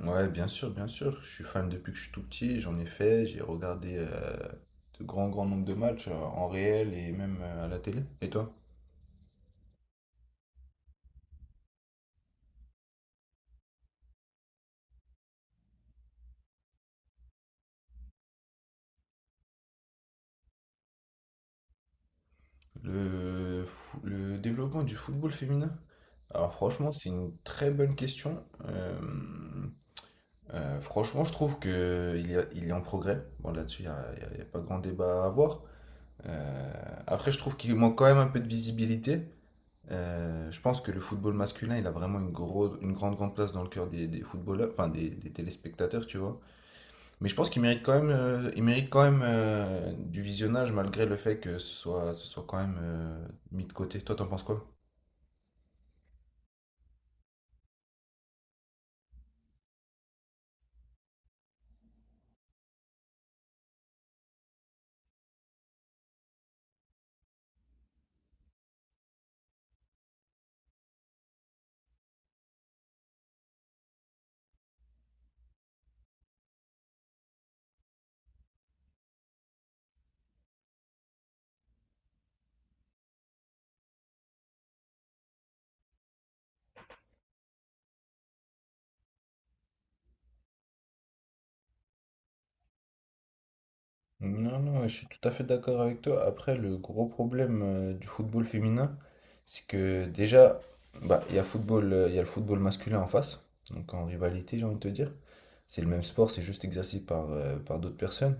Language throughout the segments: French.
Ouais, bien sûr, bien sûr. Je suis fan depuis que je suis tout petit. J'en ai fait. J'ai regardé de grands, grands nombres de matchs en réel et même à la télé. Et toi? Le développement du football féminin? Alors franchement, c'est une très bonne question. Franchement, je trouve que il est en progrès. Bon, là-dessus, il n'y a, il y a- il y a pas grand débat à avoir. Euh, Après, je trouve qu'il manque quand même un peu de visibilité. Je pense que le football masculin, il a vraiment une grosse, une grande, grande place dans le cœur des footballeurs, enfin des téléspectateurs, tu vois. Mais je pense qu'il mérite quand même, il mérite quand même du visionnage malgré le fait que ce soit quand même mis de côté. Toi, t'en penses quoi? Non, non, je suis tout à fait d'accord avec toi. Après, le gros problème du football féminin, c'est que déjà, bah, il y a le football masculin en face, donc en rivalité, j'ai envie de te dire. C'est le même sport, c'est juste exercé par d'autres personnes.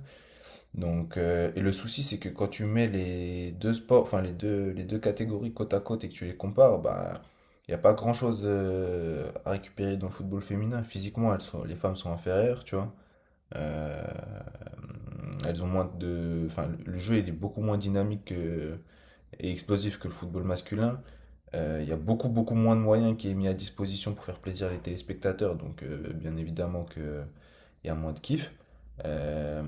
Donc, et le souci, c'est que quand tu mets les deux sports, enfin les deux catégories côte à côte et que tu les compares, bah, il n'y a pas grand-chose à récupérer dans le football féminin. Physiquement, les femmes sont inférieures, tu vois. Euh, elles ont moins de, enfin, le jeu il est beaucoup moins dynamique et explosif que le football masculin. Il y a beaucoup, beaucoup moins de moyens qui est mis à disposition pour faire plaisir les téléspectateurs, donc bien évidemment que il y a moins de kiff. Euh,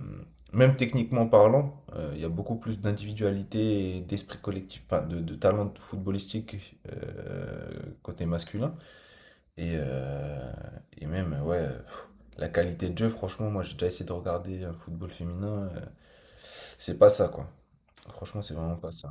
Même techniquement parlant, il y a beaucoup plus d'individualité et d'esprit collectif, enfin de talent footballistique côté masculin. Et, euh, et même, ouais, la qualité de jeu, franchement, moi j'ai déjà essayé de regarder un football féminin, c'est pas ça quoi. Franchement, c'est vraiment pas ça.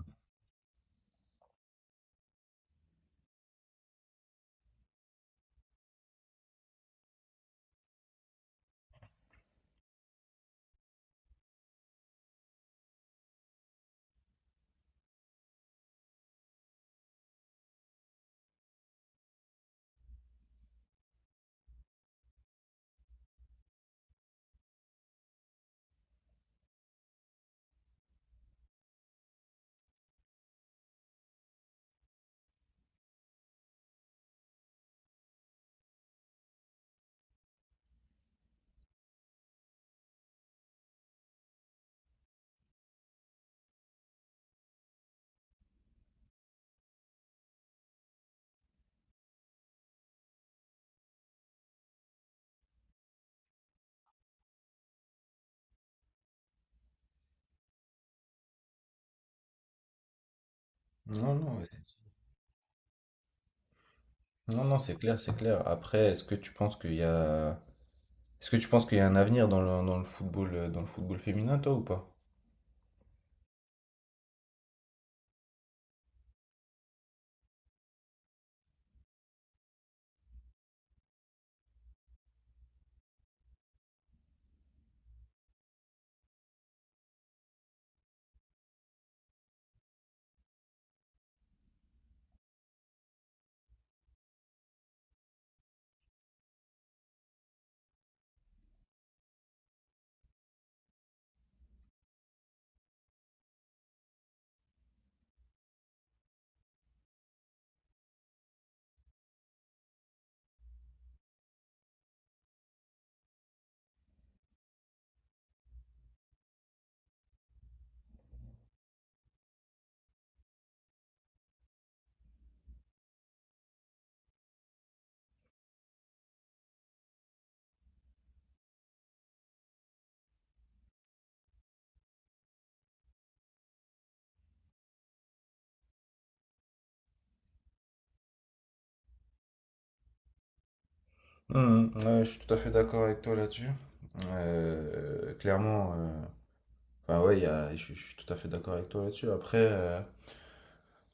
Non, non, ouais. Non, non, c'est clair, c'est clair. Après, est-ce que tu penses qu'il y a... Est-ce que tu penses qu'il y a un avenir dans le football féminin, toi, ou pas? Ouais, je suis tout à fait d'accord avec toi là-dessus. Clairement, enfin ouais, je suis tout à fait d'accord avec toi là-dessus. Après, euh,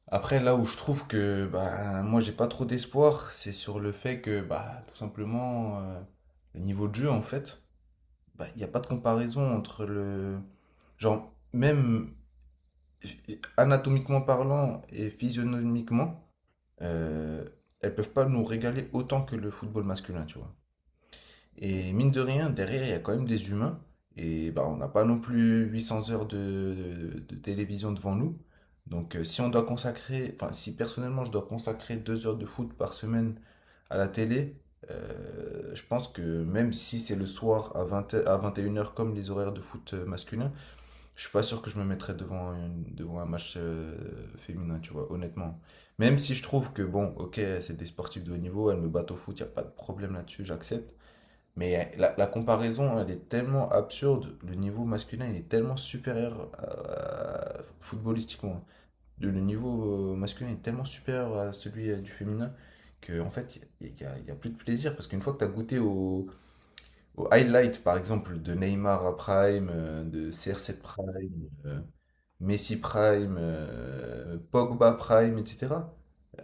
après là où je trouve que bah, moi j'ai pas trop d'espoir, c'est sur le fait que bah, tout simplement le niveau de jeu en fait, bah, il n'y a pas de comparaison entre le genre même anatomiquement parlant et physionomiquement, euh, elles peuvent pas nous régaler autant que le football masculin, tu vois. Et mine de rien, derrière, il y a quand même des humains. Et bah, on n'a pas non plus 800 heures de télévision devant nous. Donc, si on doit consacrer, enfin, si personnellement je dois consacrer 2 heures de foot par semaine à la télé, je pense que même si c'est le soir à 20 à 21 heures, comme les horaires de foot masculin, je suis pas sûr que je me mettrais devant un match féminin, tu vois, honnêtement. Même si je trouve que, bon, ok, c'est des sportifs de haut niveau, elles me battent au foot, il a pas de problème là-dessus, j'accepte. Mais la comparaison, elle est tellement absurde. Le niveau masculin, il est tellement supérieur footballistiquement. Le niveau masculin est tellement supérieur à celui du féminin que, en fait, il n'y a, y a- y a plus de plaisir. Parce qu'une fois que tu as goûté au highlight, par exemple, de Neymar à Prime, de CR7 Prime, Messi Prime, Pogba Prime, etc.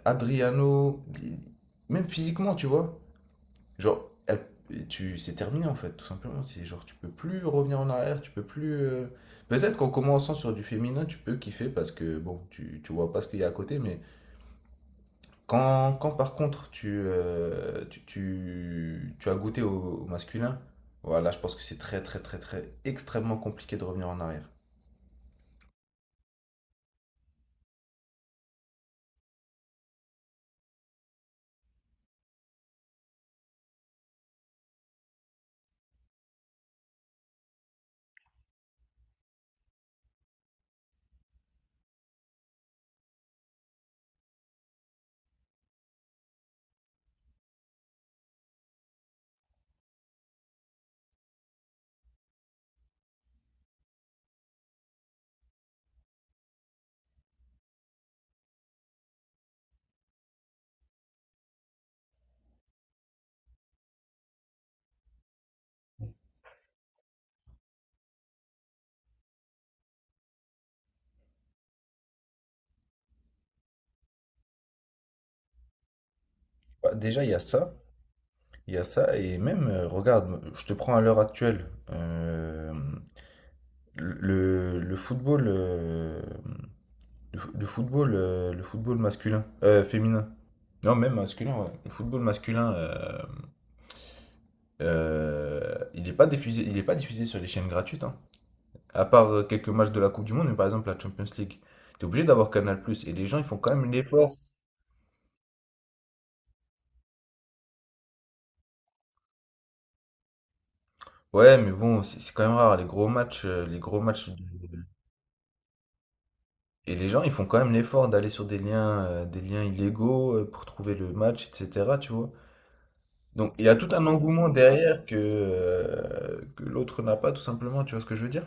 Adriano, même physiquement, tu vois. Genre, c'est terminé en fait, tout simplement. C'est genre, tu peux plus revenir en arrière, tu peux plus. Peut-être qu'en commençant sur du féminin, tu peux kiffer parce que bon, tu vois pas ce qu'il y a à côté, mais quand par contre tu as goûté au masculin, voilà, je pense que c'est très, très, très, très extrêmement compliqué de revenir en arrière. Bah, déjà, il y a ça. Il y a ça, et même, regarde, je te prends à l'heure actuelle. euh, le, le football, euh, le football masculin, féminin. Non, même masculin, ouais. Le football masculin, il est pas diffusé sur les chaînes gratuites, hein. À part quelques matchs de la Coupe du Monde, mais par exemple la Champions League. T'es obligé d'avoir Canal+, et les gens, ils font quand même l'effort. Ouais, mais bon, c'est quand même rare, les gros matchs. Et les gens, ils font quand même l'effort d'aller sur des liens illégaux pour trouver le match, etc. Tu vois. Donc il y a tout un engouement derrière que l'autre n'a pas, tout simplement. Tu vois ce que je veux dire?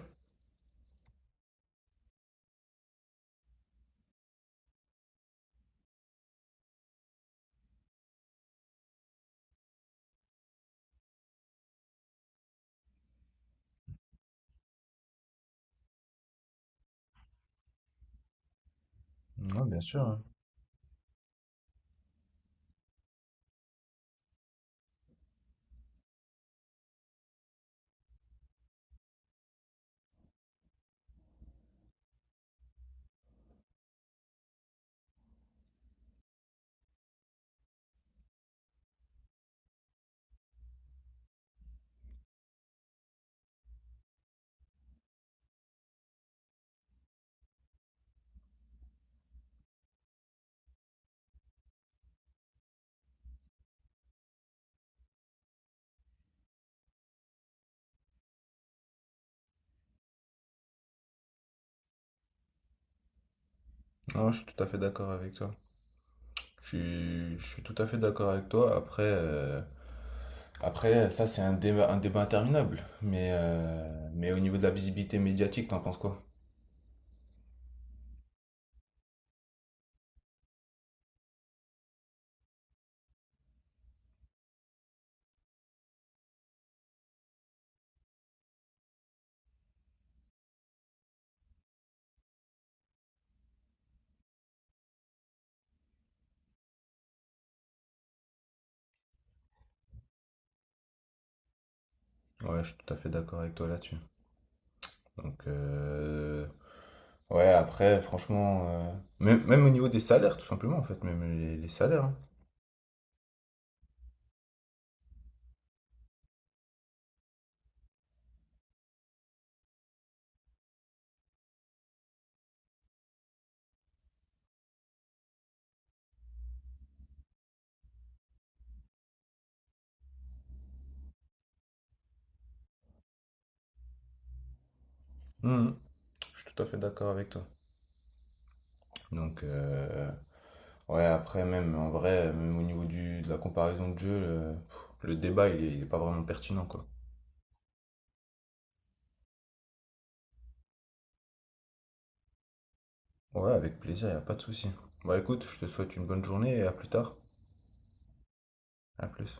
Non, bien sûr, hein. Non, je suis tout à fait d'accord avec toi. Je suis tout à fait d'accord avec toi. Après ça, c'est un débat interminable. Mais au niveau de la visibilité médiatique, t'en penses quoi? Ouais, je suis tout à fait d'accord avec toi là-dessus. Donc, ouais, après, franchement, même, même au niveau des salaires, tout simplement, en fait, même les salaires, hein. Mhm. Je suis tout à fait d'accord avec toi. Donc, ouais, après, même en vrai, même au niveau du, de la comparaison de jeu, le débat, il est pas vraiment pertinent, quoi. Ouais, avec plaisir, y a pas de souci. Bon, écoute, je te souhaite une bonne journée et à plus tard. À plus.